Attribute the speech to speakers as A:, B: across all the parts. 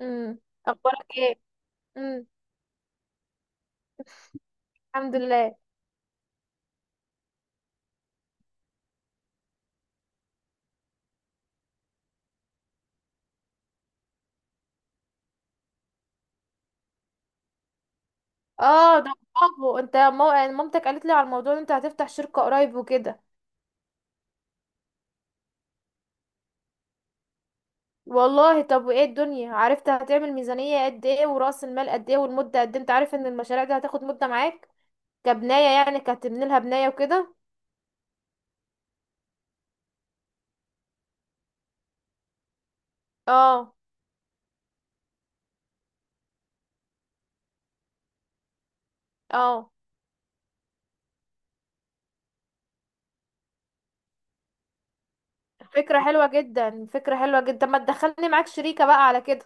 A: امم اخبارك ايه؟ امم الحمد لله. اه، ده برافو. انت يعني مامتك قالت لي على الموضوع ان انت هتفتح شركة قريب وكده. والله، طب وايه الدنيا؟ عرفت هتعمل ميزانية قد ايه ورأس المال قد ايه والمدة قد ايه؟ انت عارف ان المشاريع دي هتاخد مدة معاك، كبناية يعني، كهتبني لها بناية وكده. اه، اه. فكرة حلوة جدا، فكرة حلوة جدا. طب ما تدخلني معاك شريكة بقى على كده.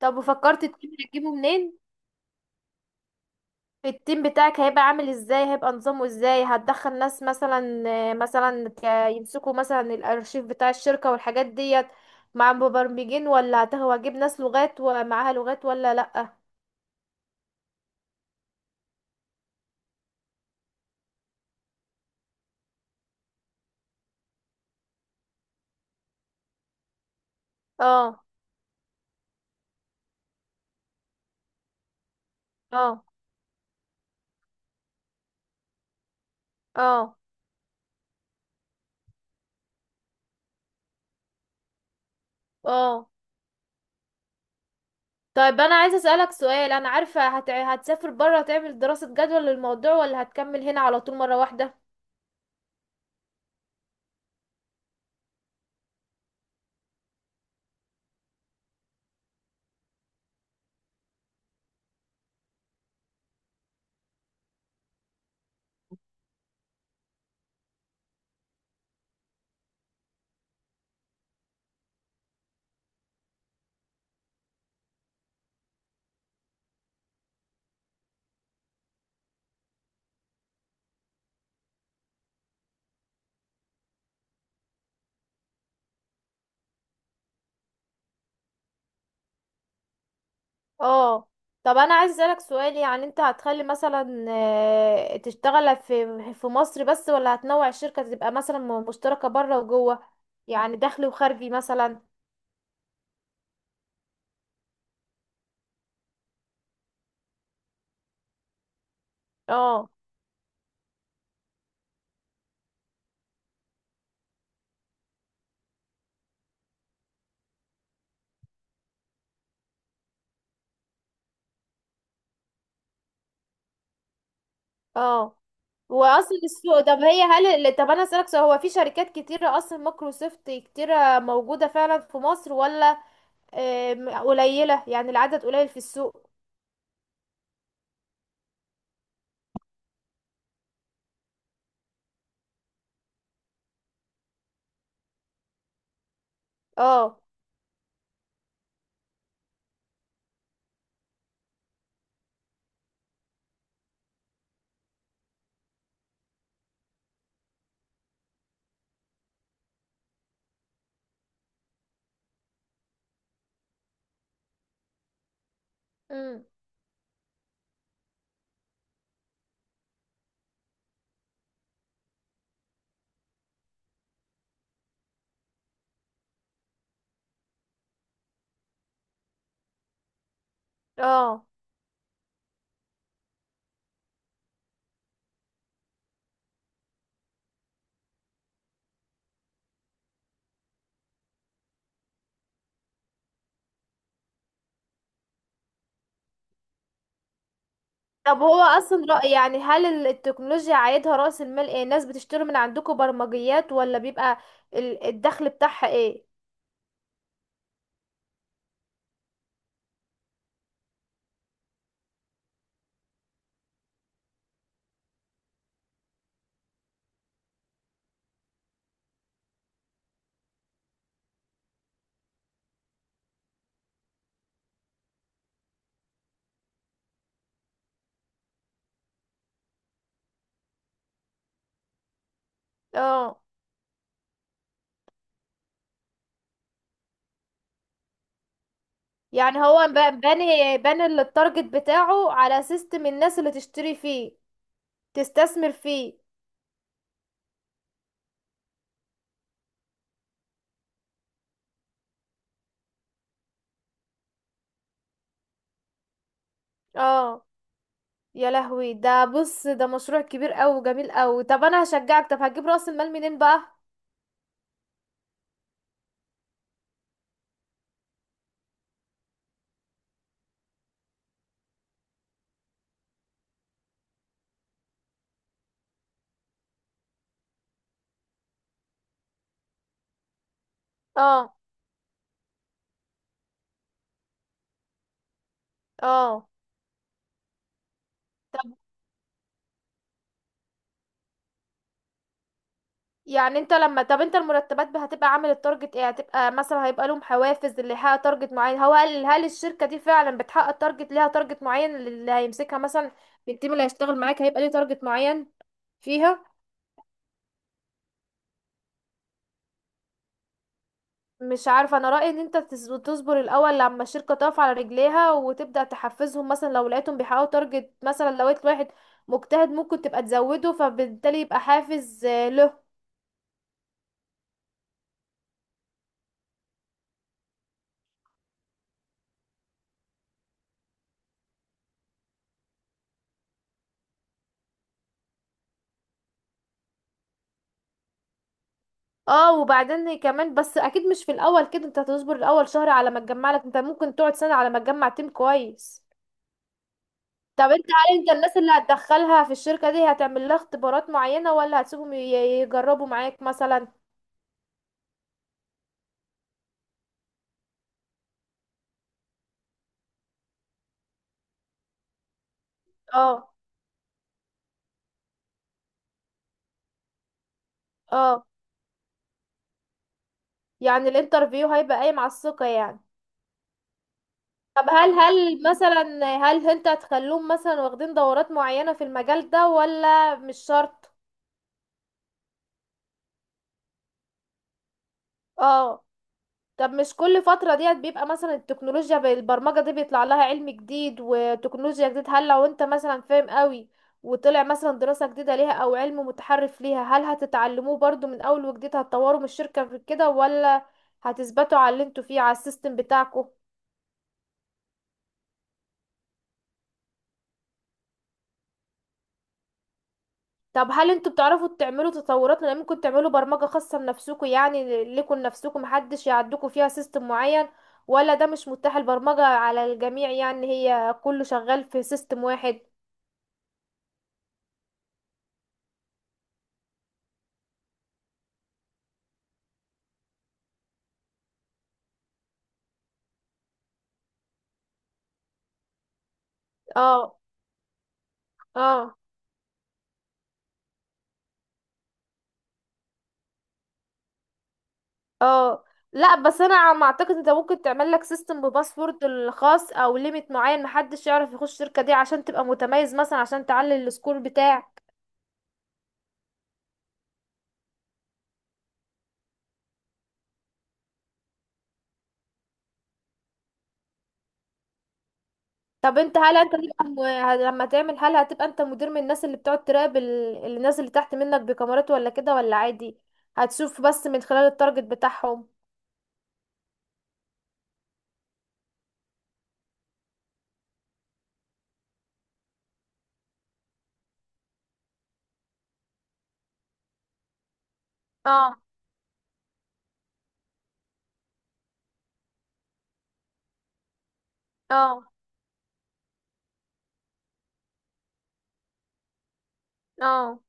A: طب وفكرت، التيم هتجيبه منين؟ التيم بتاعك هيبقى عامل ازاي؟ هيبقى نظامه ازاي؟ هتدخل ناس مثلا، مثلا يمسكوا مثلا الارشيف بتاع الشركة والحاجات ديت؟ مع مبرمجين، ولا هتجيب ناس لغات ومعاها لغات؟ ولا لأ؟ اه، اه، اه، اه. طيب انا عايزه اسالك سؤال، انا عارفه هتسافر بره تعمل دراسه جدوى للموضوع، ولا هتكمل هنا على طول مره واحده؟ اه. طب انا عايز اسالك سؤال، يعني انت هتخلي مثلا تشتغل في مصر بس، ولا هتنوع الشركه تبقى مثلا مشتركه بره وجوه، يعني داخلي وخارجي مثلا؟ اه، اه، واصل السوق. طب هي هل طب انا اسالك سؤال، هو في شركات كتيره اصلا؟ مايكروسوفت كتيره موجوده فعلا في مصر، ولا قليله؟ يعني العدد قليل في السوق؟ اه، امم، اه. طب هو اصلا رأي، يعني هل التكنولوجيا عايدها رأس المال ايه؟ الناس بتشتري من عندكم برمجيات، ولا بيبقى الدخل بتاعها ايه؟ اه. يعني هو باني التارجت بتاعه على سيستم الناس اللي تشتري فيه، تستثمر فيه. اه. يا لهوي، ده بص، ده مشروع كبير قوي، جميل قوي. طب انا هشجعك. طب هتجيب رأس المال منين بقى؟ اه، اه. يعني انت لما طب انت المرتبات هتبقى عامل التارجت ايه؟ هتبقى مثلا هيبقى لهم حوافز اللي يحقق تارجت معين؟ هو هل الشركة دي فعلا بتحقق تارجت؟ ليها تارجت معين اللي هيمسكها مثلا؟ التيم اللي هيشتغل معاك هيبقى ليه تارجت معين فيها؟ مش عارفة، انا رأيي ان انت تصبر الاول لما الشركة تقف على رجليها، وتبدأ تحفزهم، مثلا لو لقيتهم بيحققوا تارجت، مثلا لو لقيت واحد مجتهد ممكن تبقى تزوده، فبالتالي يبقى حافز له. اه. وبعدين كمان، بس اكيد مش في الاول كده. انت هتصبر الاول شهر على ما تجمع لك، انت ممكن تقعد سنة على ما تجمع تيم كويس. طب انت، هل الناس اللي هتدخلها في الشركة دي، هتعمل لها اختبارات معينة، ولا هتسيبهم يجربوا معاك مثلا؟ اه، اه. يعني الانترفيو هيبقى قايم على الثقة يعني. طب، هل انت هتخلوهم مثلا واخدين دورات معينة في المجال ده، ولا مش شرط؟ اه. طب مش كل فترة ديت بيبقى مثلا التكنولوجيا بالبرمجة دي بيطلع لها علم جديد وتكنولوجيا جديد؟ هل لو انت مثلا فاهم قوي، وطلع مثلا دراسة جديدة ليها او علم متحرف ليها، هل هتتعلموه برضو من اول وجديد؟ هتطوروا من الشركة في كده، ولا هتثبتوا على اللي انتوا فيه على السيستم بتاعكم؟ طب هل انتوا بتعرفوا تعملوا تطورات؟ لان ممكن تعملوا برمجة خاصة بنفسكم، يعني ليكم لنفسكم محدش يعدكوا فيها سيستم معين؟ ولا ده مش متاح، البرمجة على الجميع يعني، هي كله شغال في سيستم واحد؟ اه، اه، اه. لا، بس انا عم اعتقد انت ممكن تعمل لك سيستم بباسورد الخاص، او ليميت معين محدش يعرف يخش الشركه دي، عشان تبقى متميز مثلا، عشان تعلي السكور بتاعك. طب انت، هل تبقى لما تعمل، هل هتبقى انت مدير من الناس اللي بتقعد تراقب الناس اللي تحت منك بكاميرات ولا كده، ولا عادي؟ هتشوف بس من خلال التارجت بتاعهم؟ اه، اه، اه.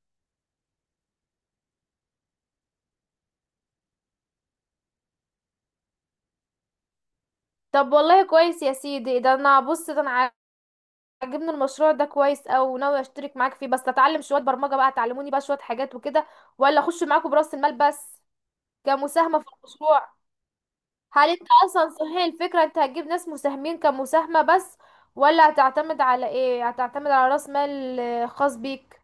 A: طب والله كويس يا سيدي. ده انا بص، ده انا عجبني المشروع ده كويس، او ناوي اشترك معاك فيه. بس اتعلم شويه برمجه بقى، تعلموني بقى شويه حاجات وكده، ولا اخش معاكم براس المال بس، كمساهمه في المشروع؟ هل انت اصلا، صحيح الفكره، انت هتجيب ناس مساهمين كمساهمه بس، ولا هتعتمد على ايه؟ هتعتمد على راس مال خاص بيك؟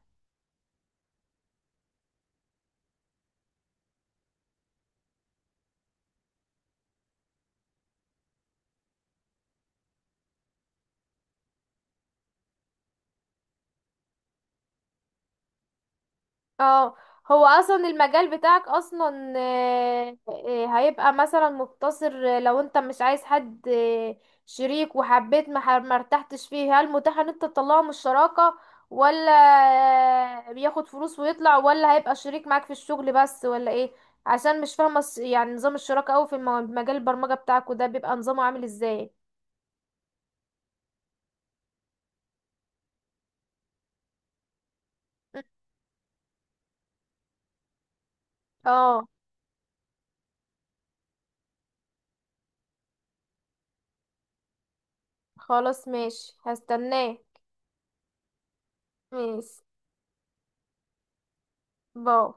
A: اه. هو اصلا المجال بتاعك اصلا هيبقى مثلا مقتصر؟ لو انت مش عايز حد شريك، وحبيت ما ارتحتش فيه، هل متاح ان انت تطلعه من الشراكة، ولا بياخد فلوس ويطلع، ولا هيبقى شريك معاك في الشغل بس، ولا ايه؟ عشان مش فاهمة يعني نظام الشراكة اوي في مجال البرمجة بتاعك، وده بيبقى نظامه عامل ازاي. اه، خلاص ماشي، هستناه. ماشي. باي.